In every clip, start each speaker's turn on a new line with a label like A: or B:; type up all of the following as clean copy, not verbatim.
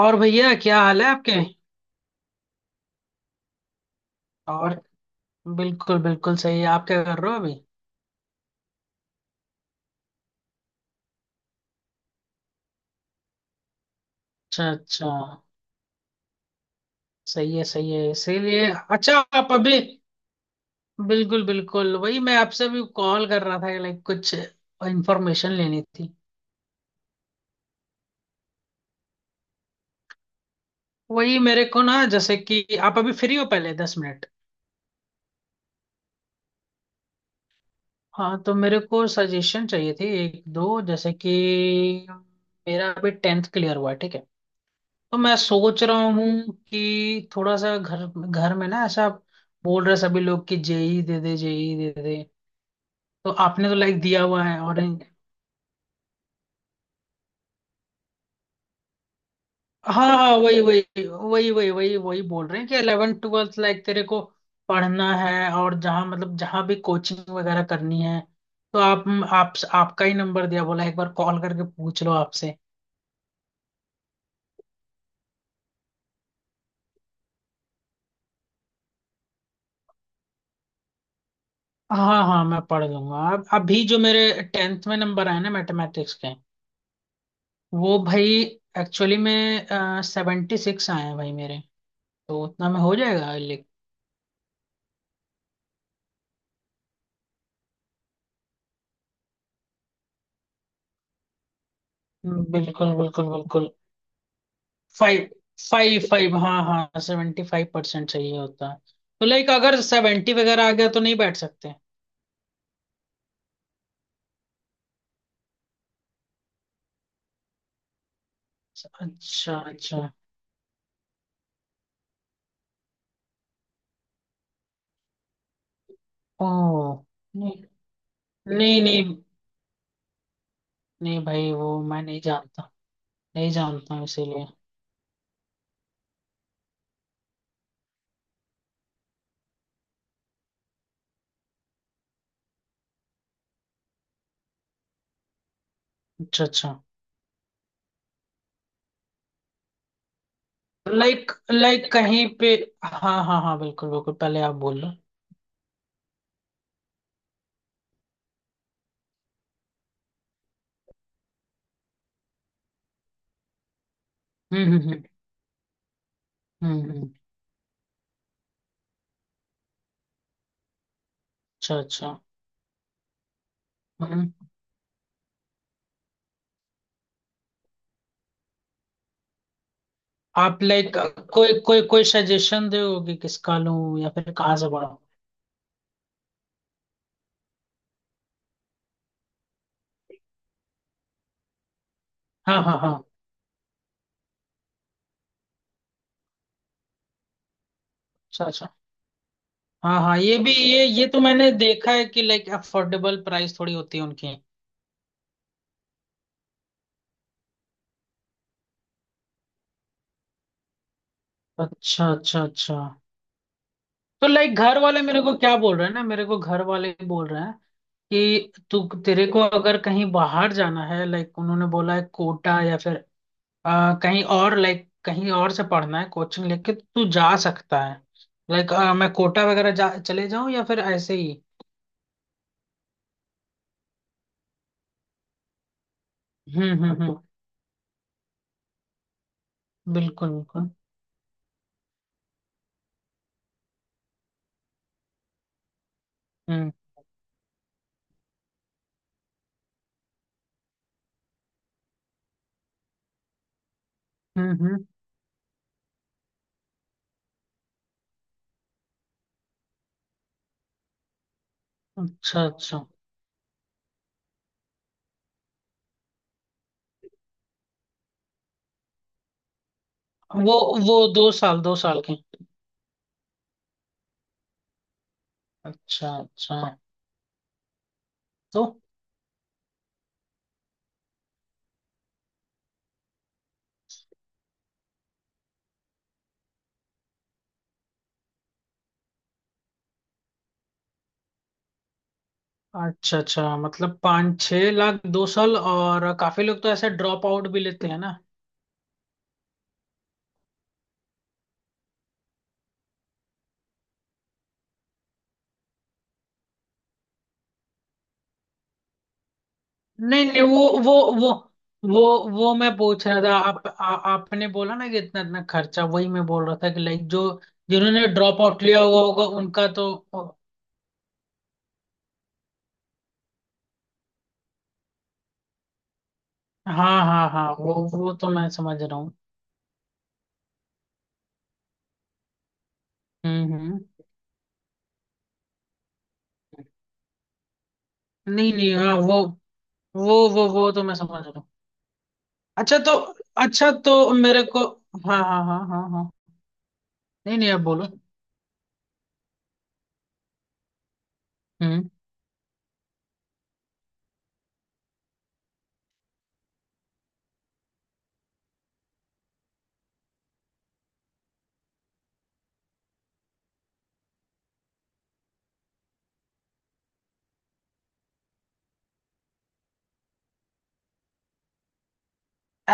A: और भैया, क्या हाल है आपके। और, बिल्कुल बिल्कुल सही है। आप क्या कर रहे हो अभी। अच्छा अच्छा। सही है सही है, इसीलिए अच्छा, आप अभी बिल्कुल बिल्कुल वही, मैं आपसे भी कॉल कर रहा था लाइक कुछ इंफॉर्मेशन लेनी थी। वही मेरे को ना, जैसे कि आप अभी फ्री हो पहले दस मिनट। हाँ, तो मेरे को सजेशन चाहिए थी एक दो, जैसे कि मेरा अभी टेंथ क्लियर हुआ है, ठीक है। तो मैं सोच रहा हूँ कि थोड़ा सा घर घर में ना ऐसा बोल रहे सभी लोग कि जेई दे दे, जेई दे दे। तो आपने तो लाइक दिया हुआ है। और हाँ हाँ हाँ, वही वही वही वही वही वही बोल रहे हैं कि 11 ट्वेल्थ लाइक तेरे को पढ़ना है और जहाँ, मतलब जहाँ भी कोचिंग वगैरह करनी है। तो आप आपका ही नंबर दिया, बोला एक बार कॉल करके पूछ लो आपसे। हाँ हाँ, मैं पढ़ लूंगा। अब अभी जो मेरे टेंथ में नंबर आए ना मैथमेटिक्स के, वो भाई एक्चुअली में सेवेंटी सिक्स आए हैं भाई मेरे। तो उतना में हो जाएगा लिख। बिल्कुल बिल्कुल बिल्कुल। फाइव, फाइव फाइव, हाँ हाँ, सेवेंटी फाइव परसेंट चाहिए होता है। तो लाइक अगर सेवेंटी वगैरह आ गया तो नहीं बैठ सकते। अच्छा अच्छा। ओ नहीं, नहीं नहीं, नहीं भाई, वो मैं नहीं जानता। नहीं जानता हूँ, इसीलिए। अच्छा अच्छा। लाइक लाइक कहीं पे, हाँ हाँ हाँ, बिल्कुल बिल्कुल, पहले आप बोल लो। हम्म हम्म हम्म हम्म, हम्म, अच्छा अच्छा। हम्म। आप लाइक कोई कोई कोई सजेशन दोगे किसका लूं या फिर कहाँ से पढ़ूं। हाँ हाँ हाँ, अच्छा अच्छा। हाँ हाँ, ये भी, ये तो मैंने देखा है कि लाइक अफोर्डेबल प्राइस थोड़ी होती है उनकी। अच्छा अच्छा अच्छा। तो लाइक घर वाले मेरे को क्या बोल रहे हैं ना, मेरे को घर वाले बोल रहे हैं कि तू तेरे को अगर कहीं बाहर जाना है, लाइक उन्होंने बोला है कोटा या फिर कहीं और, लाइक कहीं और से पढ़ना है कोचिंग लेके तो तू जा सकता है, लाइक मैं कोटा वगैरह जा, चले जाऊं या फिर ऐसे ही। हम्म, बिल्कुल बिल्कुल। हम्म हम्म, अच्छा अच्छा। वो वो दो साल, दो साल के। अच्छा अच्छा तो, अच्छा अच्छा मतलब पाँच छह लाख दो साल, और काफी लोग तो ऐसे ड्रॉप आउट भी लेते हैं ना। नहीं नहीं, वो वो वो मैं पूछ रहा था। आपने बोला ना कि इतना इतना खर्चा, वही मैं बोल रहा था कि लाइक जो जिन्होंने ड्रॉप आउट लिया हुआ होगा उनका तो। हाँ हाँ हाँ, वो तो मैं समझ रहा हूँ। हम्म। नहीं नहीं, हाँ, वो तो मैं समझ रहा हूँ। अच्छा तो, अच्छा तो मेरे को हाँ हाँ हाँ हाँ हाँ, नहीं नहीं, आप बोलो। हम्म।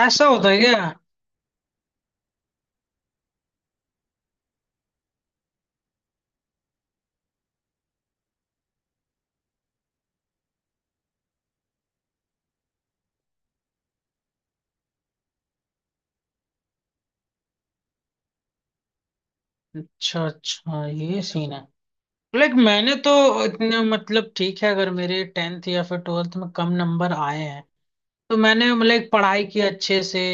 A: ऐसा होता है क्या। अच्छा अच्छा, ये सीन है। लाइक मैंने तो इतने, मतलब ठीक है, अगर मेरे टेंथ या फिर ट्वेल्थ में कम नंबर आए हैं, तो मैंने लाइक पढ़ाई की अच्छे से,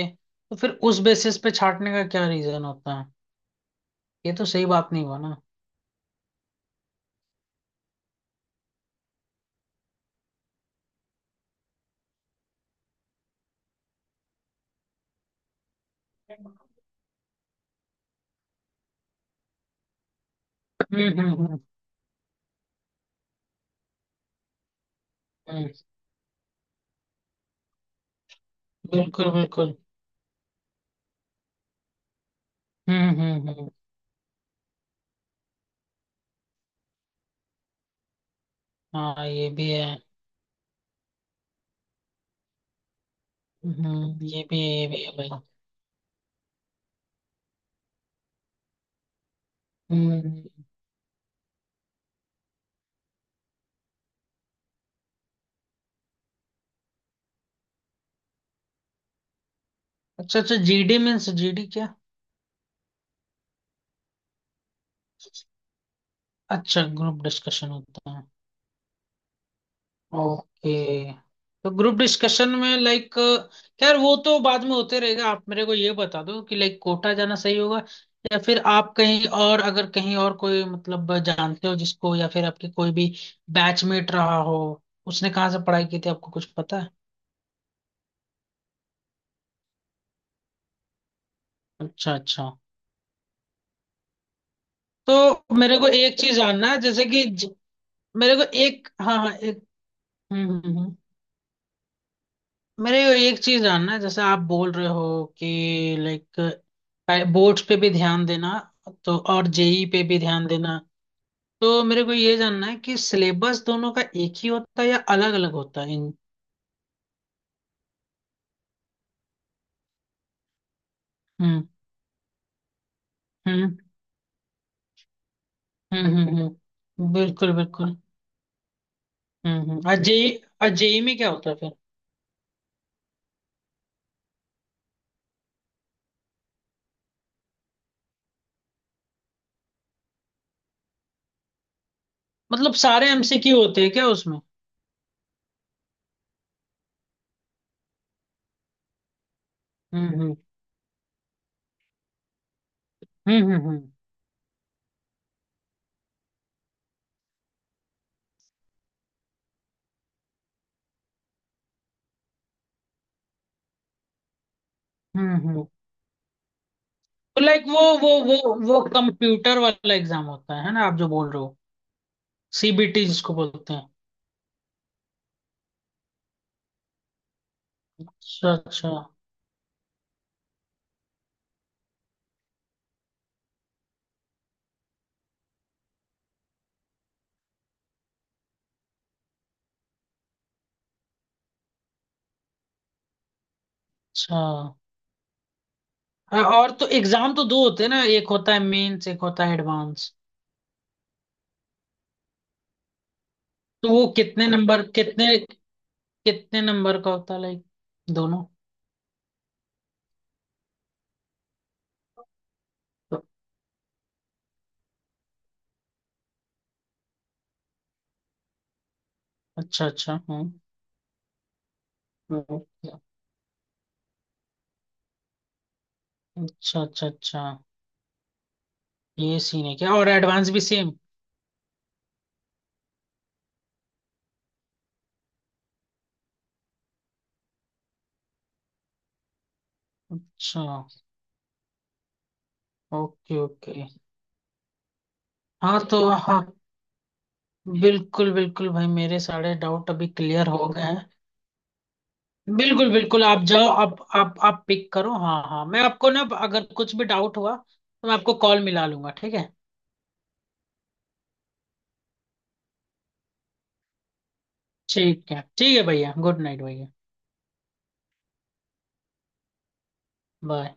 A: तो फिर उस बेसिस पे छाटने का क्या रीजन होता है। ये तो सही बात नहीं हुआ ना। हम्म हम्म हम्म हम्म, बिल्कुल बिल्कुल। हम्म। हाँ ये भी है। हम्म, ये भी है भाई। हम्म। अच्छा अच्छा, जीडी मीन्स, जीडी क्या। अच्छा, ग्रुप डिस्कशन होता है। ओके। तो ग्रुप डिस्कशन में लाइक, खैर वो तो बाद में होते रहेगा। आप मेरे को ये बता दो कि लाइक कोटा जाना सही होगा, या फिर आप कहीं और, अगर कहीं और कोई, मतलब जानते हो जिसको, या फिर आपके कोई भी बैचमेट रहा हो, उसने कहाँ से पढ़ाई की थी, आपको कुछ पता है। अच्छा अच्छा। तो मेरे को एक चीज जानना है जैसे कि मेरे को एक, हाँ हाँ, एक हम्म, हम्म, हम्म। मेरे को एक चीज जानना है, जैसे आप बोल रहे हो कि लाइक बोर्ड्स पे भी ध्यान देना, तो और जेई पे भी ध्यान देना। तो मेरे को ये जानना है कि सिलेबस दोनों का एक ही होता है या अलग अलग होता है इन। हम्म हम्म बिल्कुल बिल्कुल। हम्म, और जेई, और जेई में क्या होता है फिर। मतलब सारे एमसीक्यू होते हैं क्या उसमें। हम्म हम्म हम्म, हम्म हम्म। तो लाइक वो कंप्यूटर वाला एग्जाम होता है ना, आप जो बोल रहे हो, सीबीटी जिसको बोलते हैं। अच्छा अच्छा अच्छा। और तो एग्जाम तो दो होते हैं ना, एक होता है मेंस, एक होता है एडवांस। तो वो कितने नंबर, कितने, कितने नंबर का होता है लाइक दोनों, तो- अच्छा अच्छा हाँ। ओके। अच्छा अच्छा अच्छा, ये सीन है क्या, और एडवांस भी सेम। अच्छा ओके ओके। हाँ तो हाँ, बिल्कुल बिल्कुल भाई, मेरे सारे डाउट अभी क्लियर हो गए हैं। बिल्कुल बिल्कुल, आप जाओ, आप पिक करो। हाँ हाँ, मैं आपको ना, अगर कुछ भी डाउट हुआ तो मैं आपको कॉल मिला लूंगा। ठीक है ठीक है, ठीक है भैया, गुड नाइट भैया। बाय।